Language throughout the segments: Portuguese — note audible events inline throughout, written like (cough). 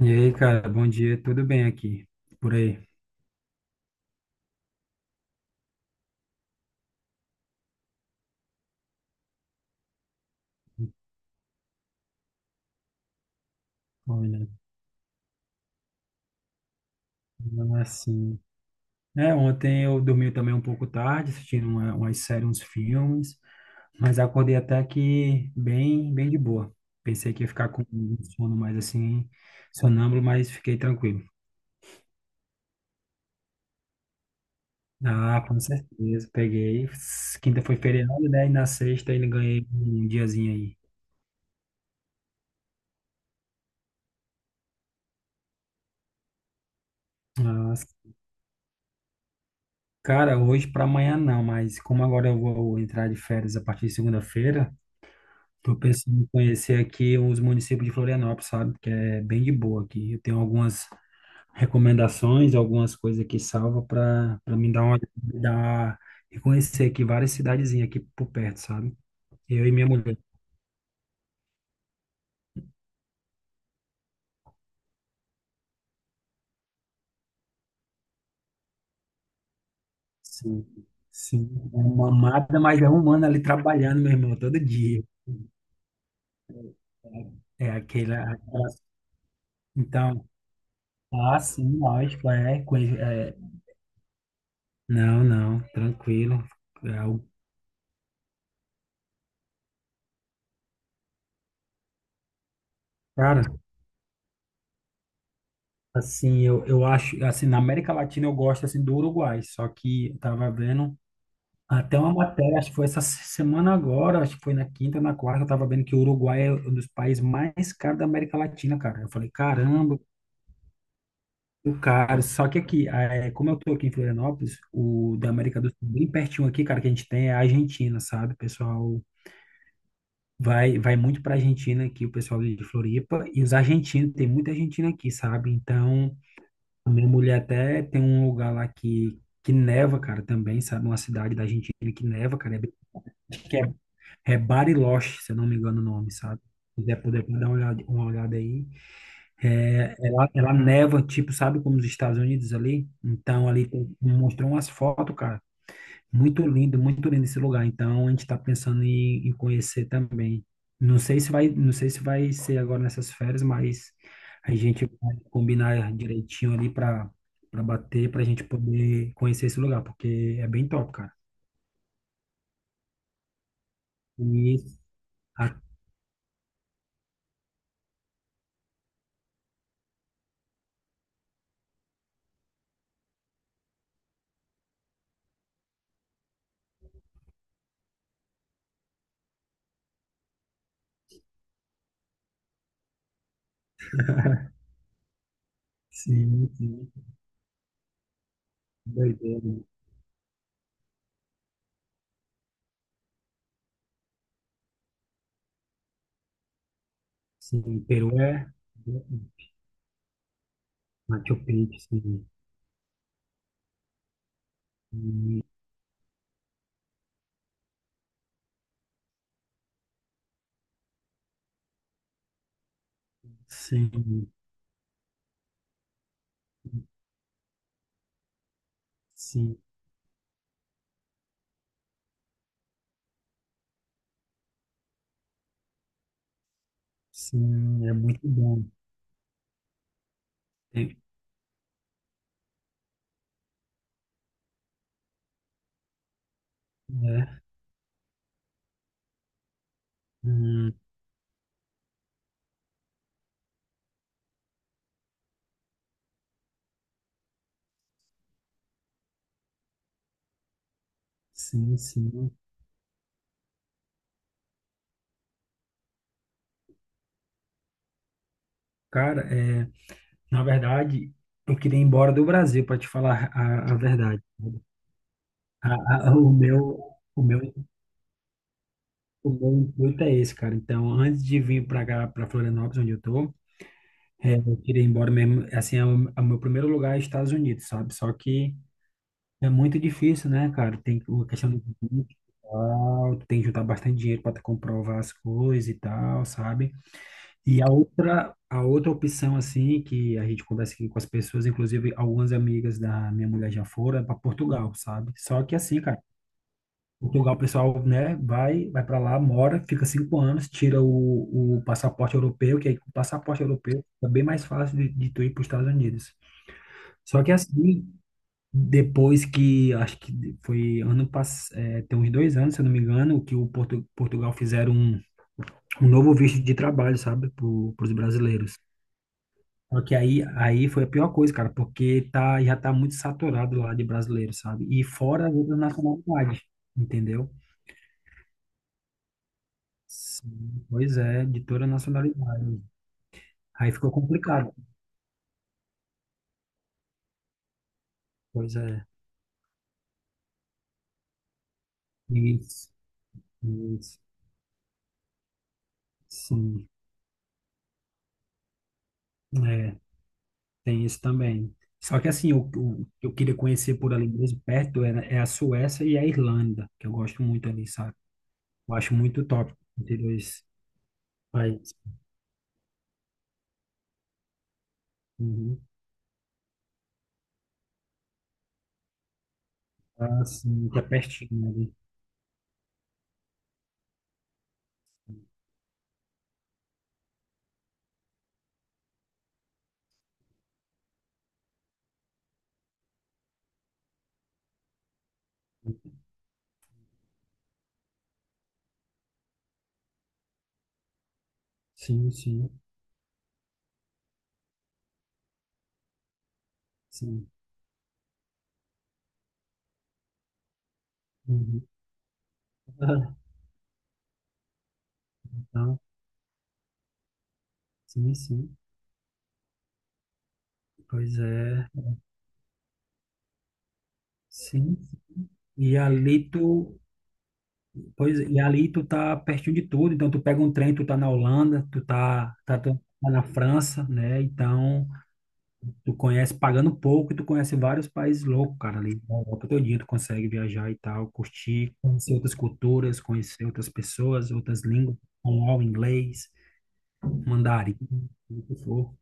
E aí, cara, bom dia, tudo bem aqui? Por aí? Olha, é assim. É, ontem eu dormi também um pouco tarde, assistindo umas séries, uns filmes, mas acordei até que bem, bem de boa. Pensei que ia ficar com um sono mais assim, sonâmbulo, mas fiquei tranquilo. Ah, com certeza, peguei. Quinta foi feriado, né? E na sexta ainda ganhei um diazinho aí. Ah, cara, hoje para amanhã não, mas como agora eu vou entrar de férias a partir de segunda-feira. Tô pensando em conhecer aqui os municípios de Florianópolis, sabe? Que é bem de boa aqui. Eu tenho algumas recomendações, algumas coisas aqui salva para me dar e conhecer aqui várias cidadezinhas aqui por perto, sabe? Eu e minha mulher. Sim, sim. É uma mata, mas é um ano ali trabalhando, meu irmão, todo dia. É aquela. Então, ah, sim, lógico, é, é. Não, não, tranquilo. É, o- cara, assim, eu acho, assim, na América Latina eu gosto, assim, do Uruguai, só que eu tava vendo até uma matéria, acho que foi essa semana agora, acho que foi na quinta, na, quarta, eu tava vendo que o Uruguai é um dos países mais caros da América Latina, cara. Eu falei, caramba, o caro. Só que aqui, eh, como eu tô aqui em Florianópolis, o da América do Sul, bem pertinho aqui, cara, que a gente tem é a Argentina, sabe? O pessoal vai muito pra Argentina aqui, o pessoal de Floripa, e os argentinos, tem muita Argentina aqui, sabe? Então... A minha mulher até tem um lugar lá que neva, cara, também, sabe? Uma cidade da Argentina que neva, cara. É, acho que é Bariloche, se eu não me engano o nome, sabe? Se quiser poder dar uma olhada aí. É, ela neva, tipo, sabe como os Estados Unidos ali? Então, ali tem, mostrou umas fotos, cara. Muito lindo esse lugar. Então a gente está pensando em conhecer também. Não sei se vai, não sei se vai ser agora nessas férias, mas a gente vai combinar direitinho ali para para bater, para a gente poder conhecer esse lugar, porque é bem top, cara. E a- (laughs) sim, sim, doideira. Sim, Peru é Machu Picchu, sim. E- Sim, sim, sim, é muito bom. Tem- É. Hum. Sim, sim. Cara, é, na verdade, eu queria ir embora do Brasil, para te falar a verdade. A- a- o meu, o meu, o meu intuito é esse, cara. Então, antes de vir para cá, para Florianópolis, onde eu tô, é, eu queria ir embora mesmo. Assim, é o meu primeiro lugar é Estados Unidos, sabe? Só que é muito difícil, né, cara? Tem a questão do custo e tal, tem que juntar bastante dinheiro para comprovar as coisas e tal, sabe? E a outra opção, assim, que a gente conversa aqui com as pessoas, inclusive algumas amigas da minha mulher já foram, é para Portugal, sabe? Só que assim, cara, Portugal, o pessoal, né, vai para lá, mora, fica 5 anos, tira o passaporte europeu, que aí com o passaporte europeu é bem mais fácil de tu ir para os Estados Unidos. Só que assim, depois que, acho que foi ano passado, é, tem uns 2 anos, se eu não me engano, que o Portugal fizeram um novo visto de trabalho, sabe, para os brasileiros. Só que aí, aí foi a pior coisa, cara, porque tá, já tá muito saturado lá de brasileiro, sabe? E fora as outras nacionalidades, entendeu? Sim, pois é, de toda a nacionalidade. Aí ficou complicado. Pois é, isso, isso, sim, é, tem isso também. Só que assim, o que eu queria conhecer por ali mesmo, perto, era, é a Suécia e a Irlanda, que eu gosto muito ali, sabe? Eu acho muito top entre dois países. Uhum. Ah, sim, que é pertinho ali. Sim, sim, sim. Uhum. (laughs) Não, sim, sim. Pois é. Sim. E ali tu, pois, e ali tu tá pertinho de tudo. Então tu pega um trem, tu tá na Holanda, tu tá na França, né? Então tu conhece pagando pouco e tu conhece vários países loucos, cara, ali na Europa todinha tu consegue viajar e tal, curtir, conhecer outras culturas, conhecer outras pessoas, outras línguas, espanhol, inglês, mandarim, o que for.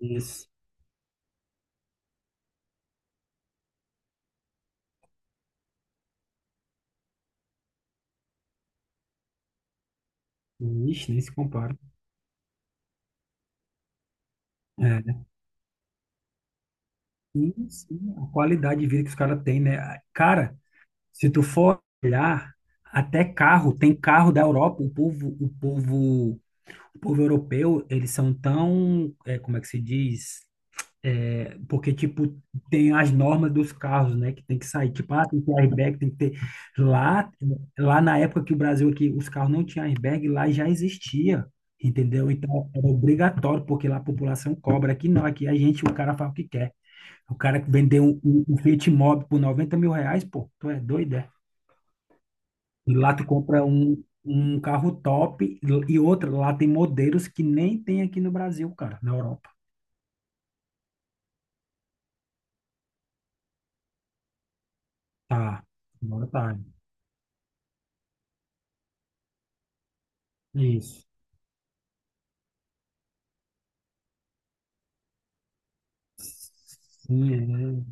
Isso. Ixi, nem se compara. É, e sim, a qualidade de vida que os caras têm, né? Cara, se tu for olhar, até carro, tem carro da Europa, o povo europeu, eles são tão, é, como é que se diz? É, porque, tipo, tem as normas dos carros, né? Que tem que sair, tipo, ah, tem que ter airbag, tem que ter... Lá, lá na época que o Brasil aqui, os carros não tinham airbag, lá já existia, entendeu? Então, era obrigatório, porque lá a população cobra. Aqui não, aqui a gente, o cara faz o que quer. O cara que vendeu um Fiat Mobi por R$ 90.000, pô, tu é doido, é? E lá tu compra um carro top, e outra, lá tem modelos que nem tem aqui no Brasil, cara, na Europa. Tá, agora tá. Isso. Sim, é.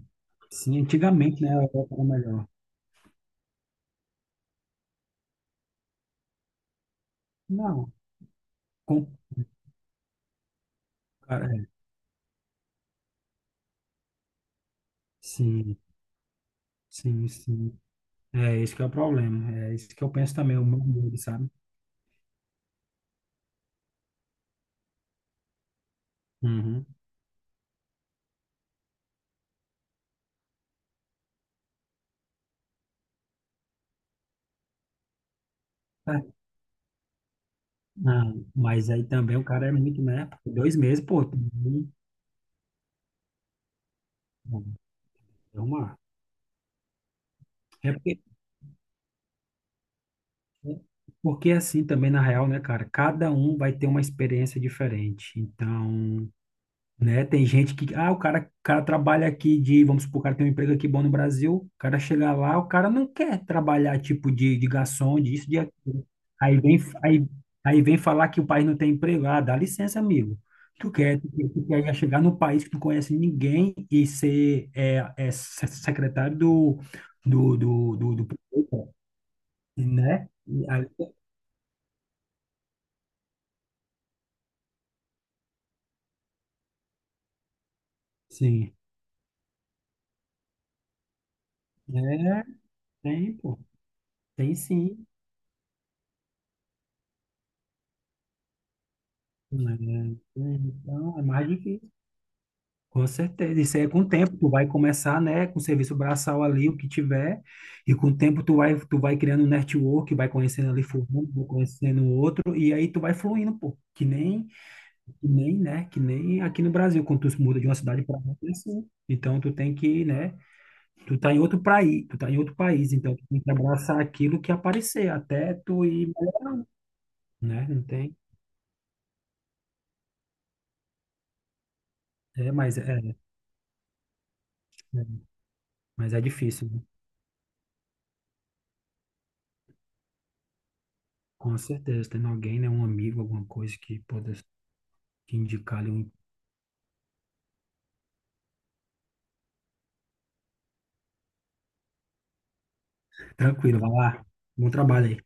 Sim, antigamente, né, a Europa era melhor. Não, com, cara, é. Sim, sim, sim. É esse que é o problema. É isso que eu penso também, o meu medo, sabe? Uhum. É, não, mas aí também o cara é muito, né? 2 meses, pô, é uma. É porque, porque é assim também, na real, né, cara? Cada um vai ter uma experiência diferente. Então, né, tem gente que. Ah, o cara trabalha aqui de. Vamos supor, o cara tem um emprego aqui bom no Brasil. O cara chega lá, o cara não quer trabalhar tipo de garçom, disso, de aquilo. Aí vem, aí, aí vem falar que o país não tem emprego. Ah, dá licença, amigo. Tu quer, tu quer, tu quer chegar num país que tu não conhece ninguém e ser secretário do do prefeito? Né? E aí, sim. É, tem, pô. Tem sim. Né? Então, é mais difícil. Com certeza. Isso aí é com o tempo. Tu vai começar, né, com o serviço braçal ali, o que tiver. E com o tempo tu vai criando um network, vai conhecendo ali fulano, vai conhecendo outro. E aí tu vai fluindo, pô. Que nem, né? Que nem aqui no Brasil, quando tu muda de uma cidade para outra, é assim. Então tu tem que, né? Tu tá em outro país, tu tá em outro país, então tu tem que abraçar aquilo que aparecer, até tu ir né? Não tem. É, mas é, é, mas é difícil, né? Com certeza, tendo alguém, né? Um amigo, alguma coisa que pode que indicar ali um. Tranquilo, vai lá. Bom trabalho aí.